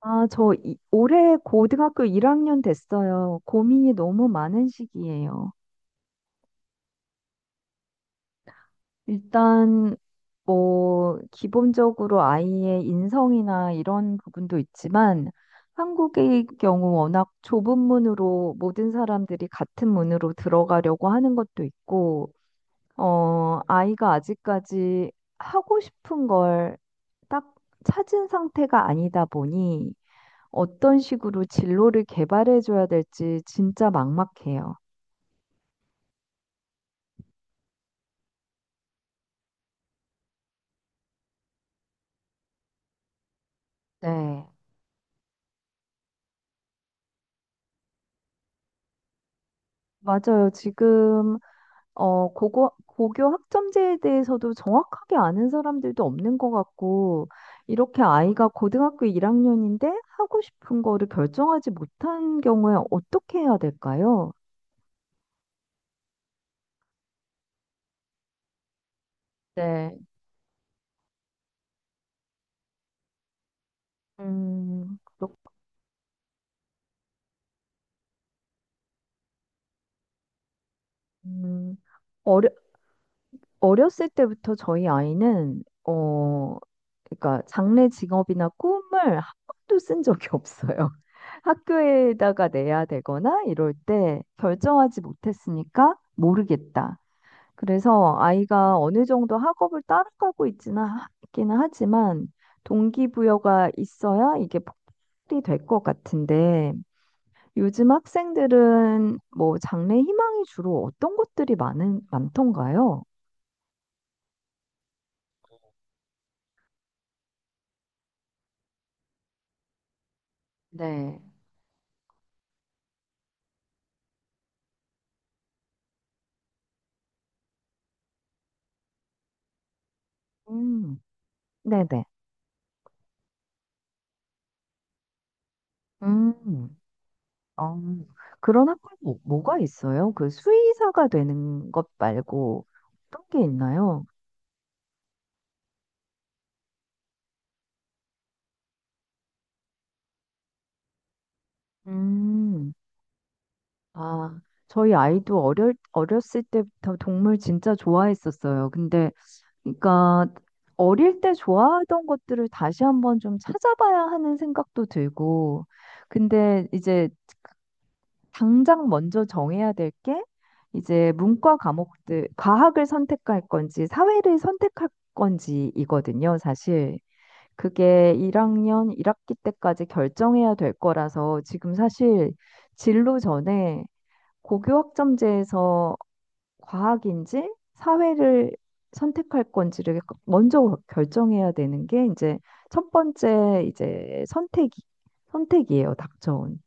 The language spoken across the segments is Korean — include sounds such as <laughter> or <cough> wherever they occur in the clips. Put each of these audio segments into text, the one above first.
아, 올해 고등학교 1학년 됐어요. 고민이 너무 많은 시기예요. 일단 뭐 기본적으로 아이의 인성이나 이런 부분도 있지만 한국의 경우 워낙 좁은 문으로 모든 사람들이 같은 문으로 들어가려고 하는 것도 있고, 아이가 아직까지 하고 싶은 걸 딱 찾은 상태가 아니다 보니 어떤 식으로 진로를 개발해 줘야 될지 진짜 막막해요. 네. 맞아요. 지금 어 고고 고교 학점제에 대해서도 정확하게 아는 사람들도 없는 것 같고 이렇게 아이가 고등학교 1학년인데 하고 싶은 거를 결정하지 못한 경우에 어떻게 해야 될까요? 네. 그렇, 음, 어 어렸을 때부터 저희 아이는 그러니까 장래 직업이나 꿈을 한 번도 쓴 적이 없어요. <laughs> 학교에다가 내야 되거나 이럴 때 결정하지 못했으니까 모르겠다. 그래서 아이가 어느 정도 학업을 따라가고 있기는 하지만 동기부여가 있어야 이게 폭발이 될 것 같은데 요즘 학생들은 뭐 장래 희망이 주로 어떤 것들이 많은 많던가요? 네. 음, 네네. 음, 어, 그런 학교는 뭐가 있어요? 그 수의사가 되는 것 말고 어떤 게 있나요? 음, 아, 저희 아이도 어렸을 때부터 동물 진짜 좋아했었어요. 근데, 그러니까, 어릴 때 좋아하던 것들을 다시 한번 좀 찾아봐야 하는 생각도 들고, 근데 이제 당장 먼저 정해야 될 게 이제 문과 과목들, 과학을 선택할 건지 사회를 선택할 건지이거든요, 사실. 그게 1학년 1학기 때까지 결정해야 될 거라서 지금 사실 진로 전에 고교 학점제에서 과학인지 사회를 선택할 건지를 먼저 결정해야 되는 게 이제 첫 번째 이제 선택이에요, 닥쳐온.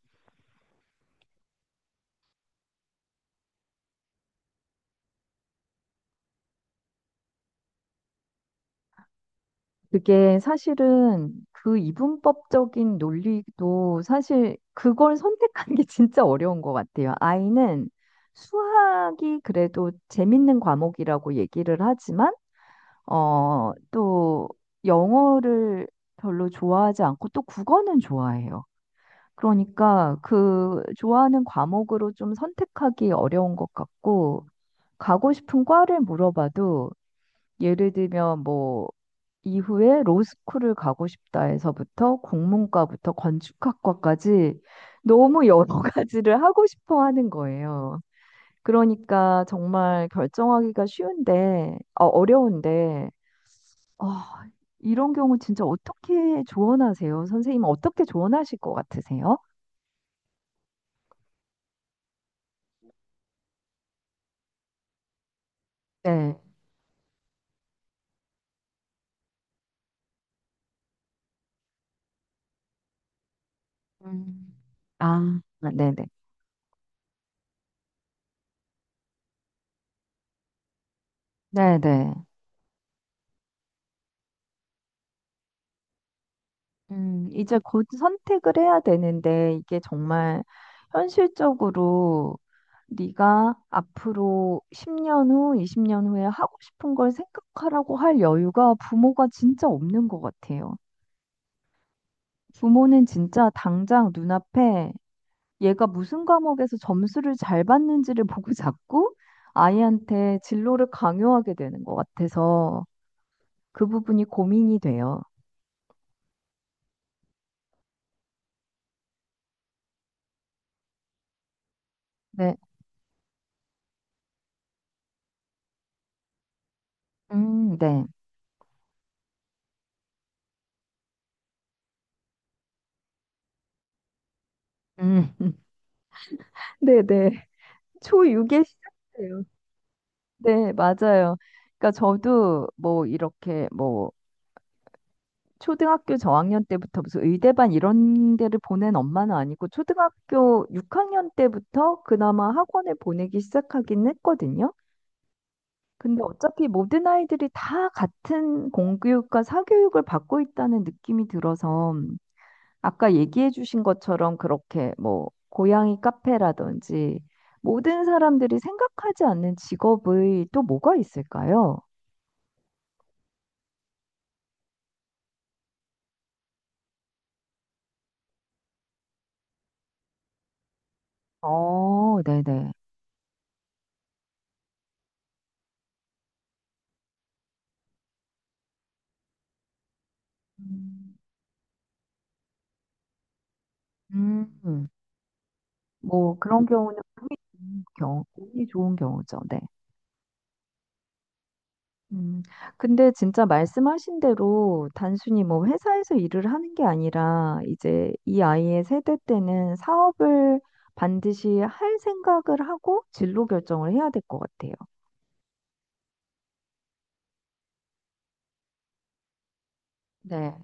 그게 사실은 그 이분법적인 논리도 사실 그걸 선택하는 게 <laughs> 진짜 어려운 것 같아요. 아이는 수학이 그래도 재밌는 과목이라고 얘기를 하지만, 어, 또 영어를 별로 좋아하지 않고 또 국어는 좋아해요. 그러니까 그 좋아하는 과목으로 좀 선택하기 어려운 것 같고, 가고 싶은 과를 물어봐도 예를 들면 뭐 이후에 로스쿨을 가고 싶다 해서부터 국문과부터 건축학과까지 너무 여러 <laughs> 가지를 하고 싶어 하는 거예요. 그러니까 정말 어려운데, 어, 이런 경우 진짜 어떻게 조언하세요? 선생님은 어떻게 조언하실 것 같으세요? 네. 음. 아, 아, 네네. 네네. 이제 곧 선택을 해야 되는데 이게 정말 현실적으로 네가 앞으로 10년 후, 20년 후에 하고 싶은 걸 생각하라고 할 여유가 부모가 진짜 없는 것 같아요. 부모는 진짜 당장 눈앞에 얘가 무슨 과목에서 점수를 잘 받는지를 보고 자꾸 아이한테 진로를 강요하게 되는 것 같아서 그 부분이 고민이 돼요. 네. 네. 음, <laughs> 네, 네. 초6에 시작돼요. 네, 맞아요. 그러니까 저도 뭐 이렇게 뭐 초등학교 저학년 때부터 무슨 의대반 이런 데를 보낸 엄마는 아니고 초등학교 6학년 때부터 그나마 학원을 보내기 시작하긴 했거든요. 근데 어차피 모든 아이들이 다 같은 공교육과 사교육을 받고 있다는 느낌이 들어서 아까 얘기해 주신 것처럼 그렇게 뭐 고양이 카페라든지 모든 사람들이 생각하지 않는 직업의 또 뭐가 있을까요? 어, 네네. 음, 음, 뭐 그런 경우는 운이 좋은 경우죠. 네. 음, 근데 진짜 말씀하신 대로 단순히 뭐 회사에서 일을 하는 게 아니라 이제 이 아이의 세대 때는 사업을 반드시 할 생각을 하고 진로 결정을 해야 될 것 같아요. 네.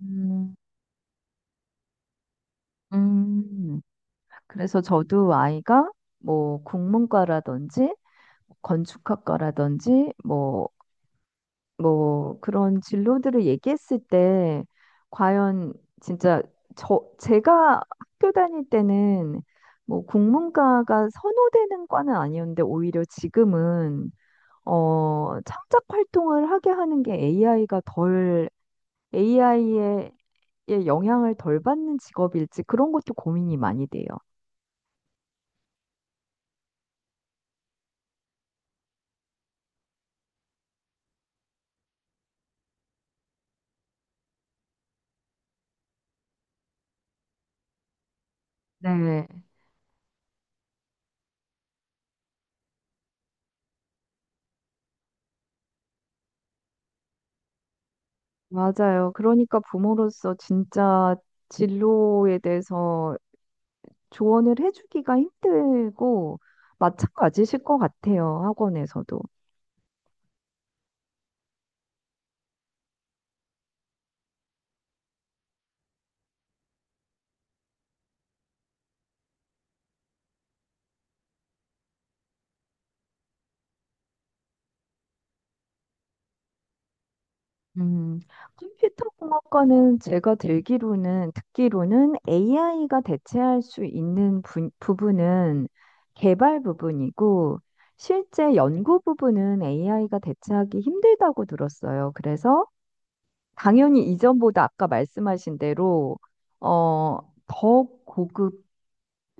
음, 음. 그래서 저도 아이가 뭐 국문과라든지 뭐 뭐 그런 진로들을 얘기했을 때 과연 진짜 제가 학교 다닐 때는 뭐 국문과가 선호되는 과는 아니었는데 오히려 지금은 어, 창작 활동을 하게 하는 게 AI가 덜 AI의 영향을 덜 받는 직업일지 그런 것도 고민이 많이 돼요. 네, 맞아요. 그러니까 부모로서 진짜 진로에 대해서 조언을 해주기가 힘들고, 마찬가지실 것 같아요. 학원에서도. 음, 컴퓨터공학과는 듣기로는 AI가 대체할 수 있는 부분은 개발 부분이고, 실제 연구 부분은 AI가 대체하기 힘들다고 들었어요. 그래서 당연히 이전보다 아까 말씀하신 대로 어, 더 고급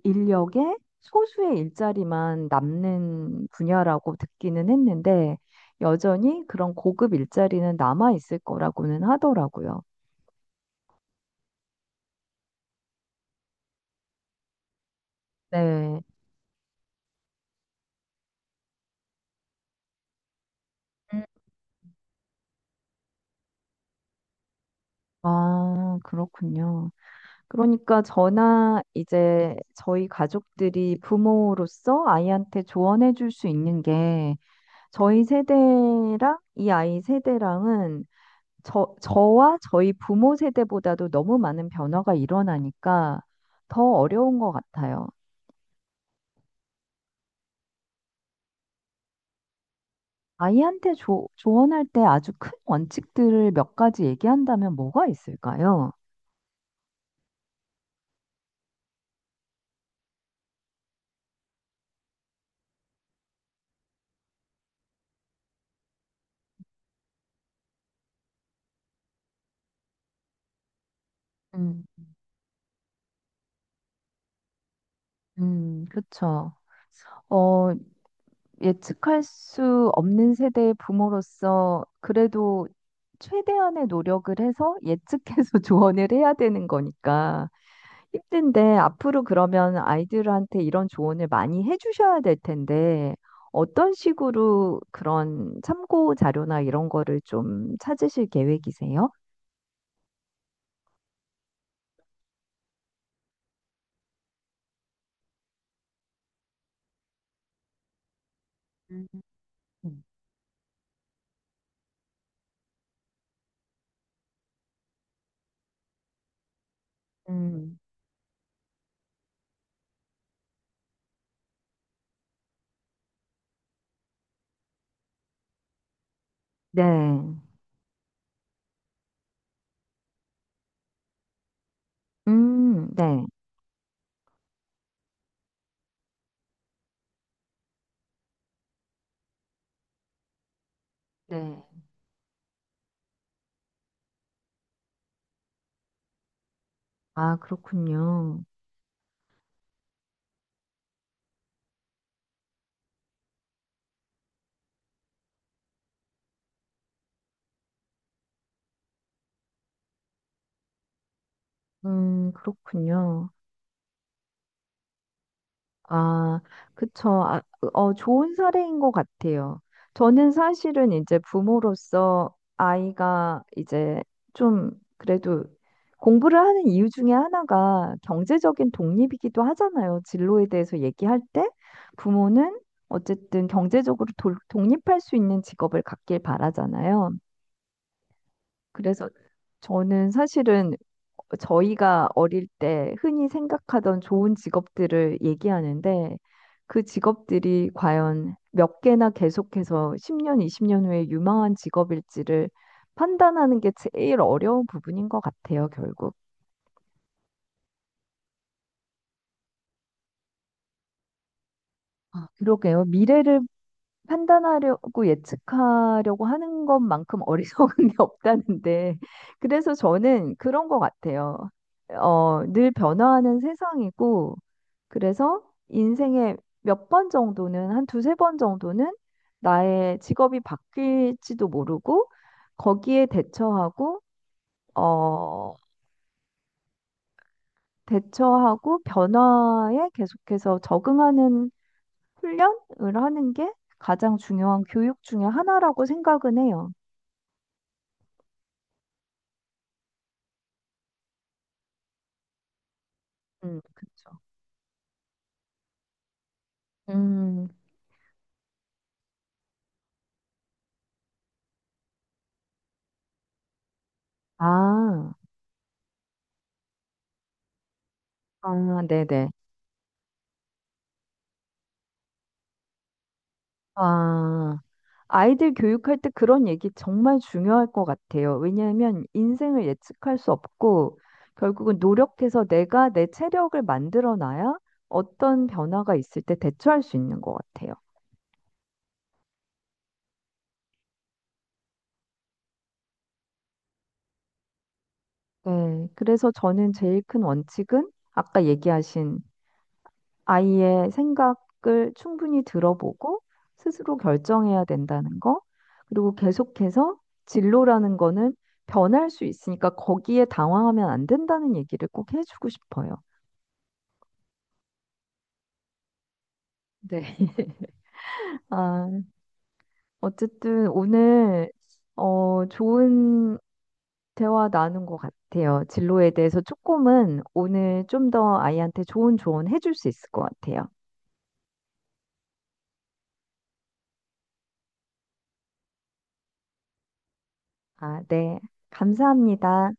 인력의 소수의 일자리만 남는 분야라고 듣기는 했는데 여전히 그런 고급 일자리는 남아 있을 거라고는 하더라고요. 네. 음. 아, 그렇군요. 그러니까 저나 이제 저희 가족들이 부모로서 아이한테 조언해 줄 수 있는 게 저희 세대랑 이 아이 세대랑은 저와 저희 부모 세대보다도 너무 많은 변화가 일어나니까 더 어려운 것 같아요. 아이한테 조언할 때 아주 큰 원칙들을 몇 가지 얘기한다면 뭐가 있을까요? 음, 그쵸. 어, 예측할 수 없는 세대의 부모로서 그래도 최대한의 노력을 해서 예측해서 <laughs> 조언을 해야 되는 거니까. 힘든데 앞으로 그러면 아이들한테 이런 조언을 많이 해주셔야 될 텐데 어떤 식으로 그런 참고 자료나 이런 거를 좀 찾으실 계획이세요? 음. 음, 네. 네. 네. 아, 그렇군요. 그렇군요. 아, 그쵸. 아, 그, 어, 좋은 사례인 것 같아요. 저는 사실은 이제 부모로서 아이가 이제 좀 그래도 공부를 하는 이유 중에 하나가 경제적인 독립이기도 하잖아요. 진로에 대해서 얘기할 때 부모는 어쨌든 경제적으로 독립할 수 있는 직업을 갖길 바라잖아요. 그래서 저는 사실은 저희가 어릴 때 흔히 생각하던 좋은 직업들을 얘기하는데 그 직업들이 과연 몇 개나 계속해서 10년, 20년 후에 유망한 직업일지를 판단하는 게 제일 어려운 부분인 것 같아요, 결국. 아, 그러게요. 미래를 판단하려고 예측하려고 하는 것만큼 어리석은 <laughs> 게 없다는데, 그래서 저는 그런 것 같아요. 어, 늘 변화하는 세상이고, 그래서 인생의 한 두세 번 정도는 나의 직업이 바뀔지도 모르고, 거기에 대처하고, 어, 대처하고 변화에 계속해서 적응하는 훈련을 하는 게 가장 중요한 교육 중에 하나라고 생각은 해요. 그쵸. 음, 아, 아, 네네. 아, 아이들 교육할 때 그런 얘기 정말 중요할 것 같아요. 왜냐하면 인생을 예측할 수 없고, 결국은 노력해서 내가 내 체력을 만들어 놔야 어떤 변화가 있을 때 대처할 수 있는 것 같아요. 네. 그래서 저는 제일 큰 원칙은 아까 얘기하신 아이의 생각을 충분히 들어보고 스스로 결정해야 된다는 거. 그리고 계속해서 진로라는 거는 변할 수 있으니까 거기에 당황하면 안 된다는 얘기를 꼭 해주고 싶어요. 네. <laughs> 아, 어쨌든 오늘 어, 좋은 대화 나눈 것 같아요. 진로에 대해서 조금은 오늘 좀 더 아이한테 좋은 조언 해줄 수 있을 것 같아요. 아, 네. 감사합니다.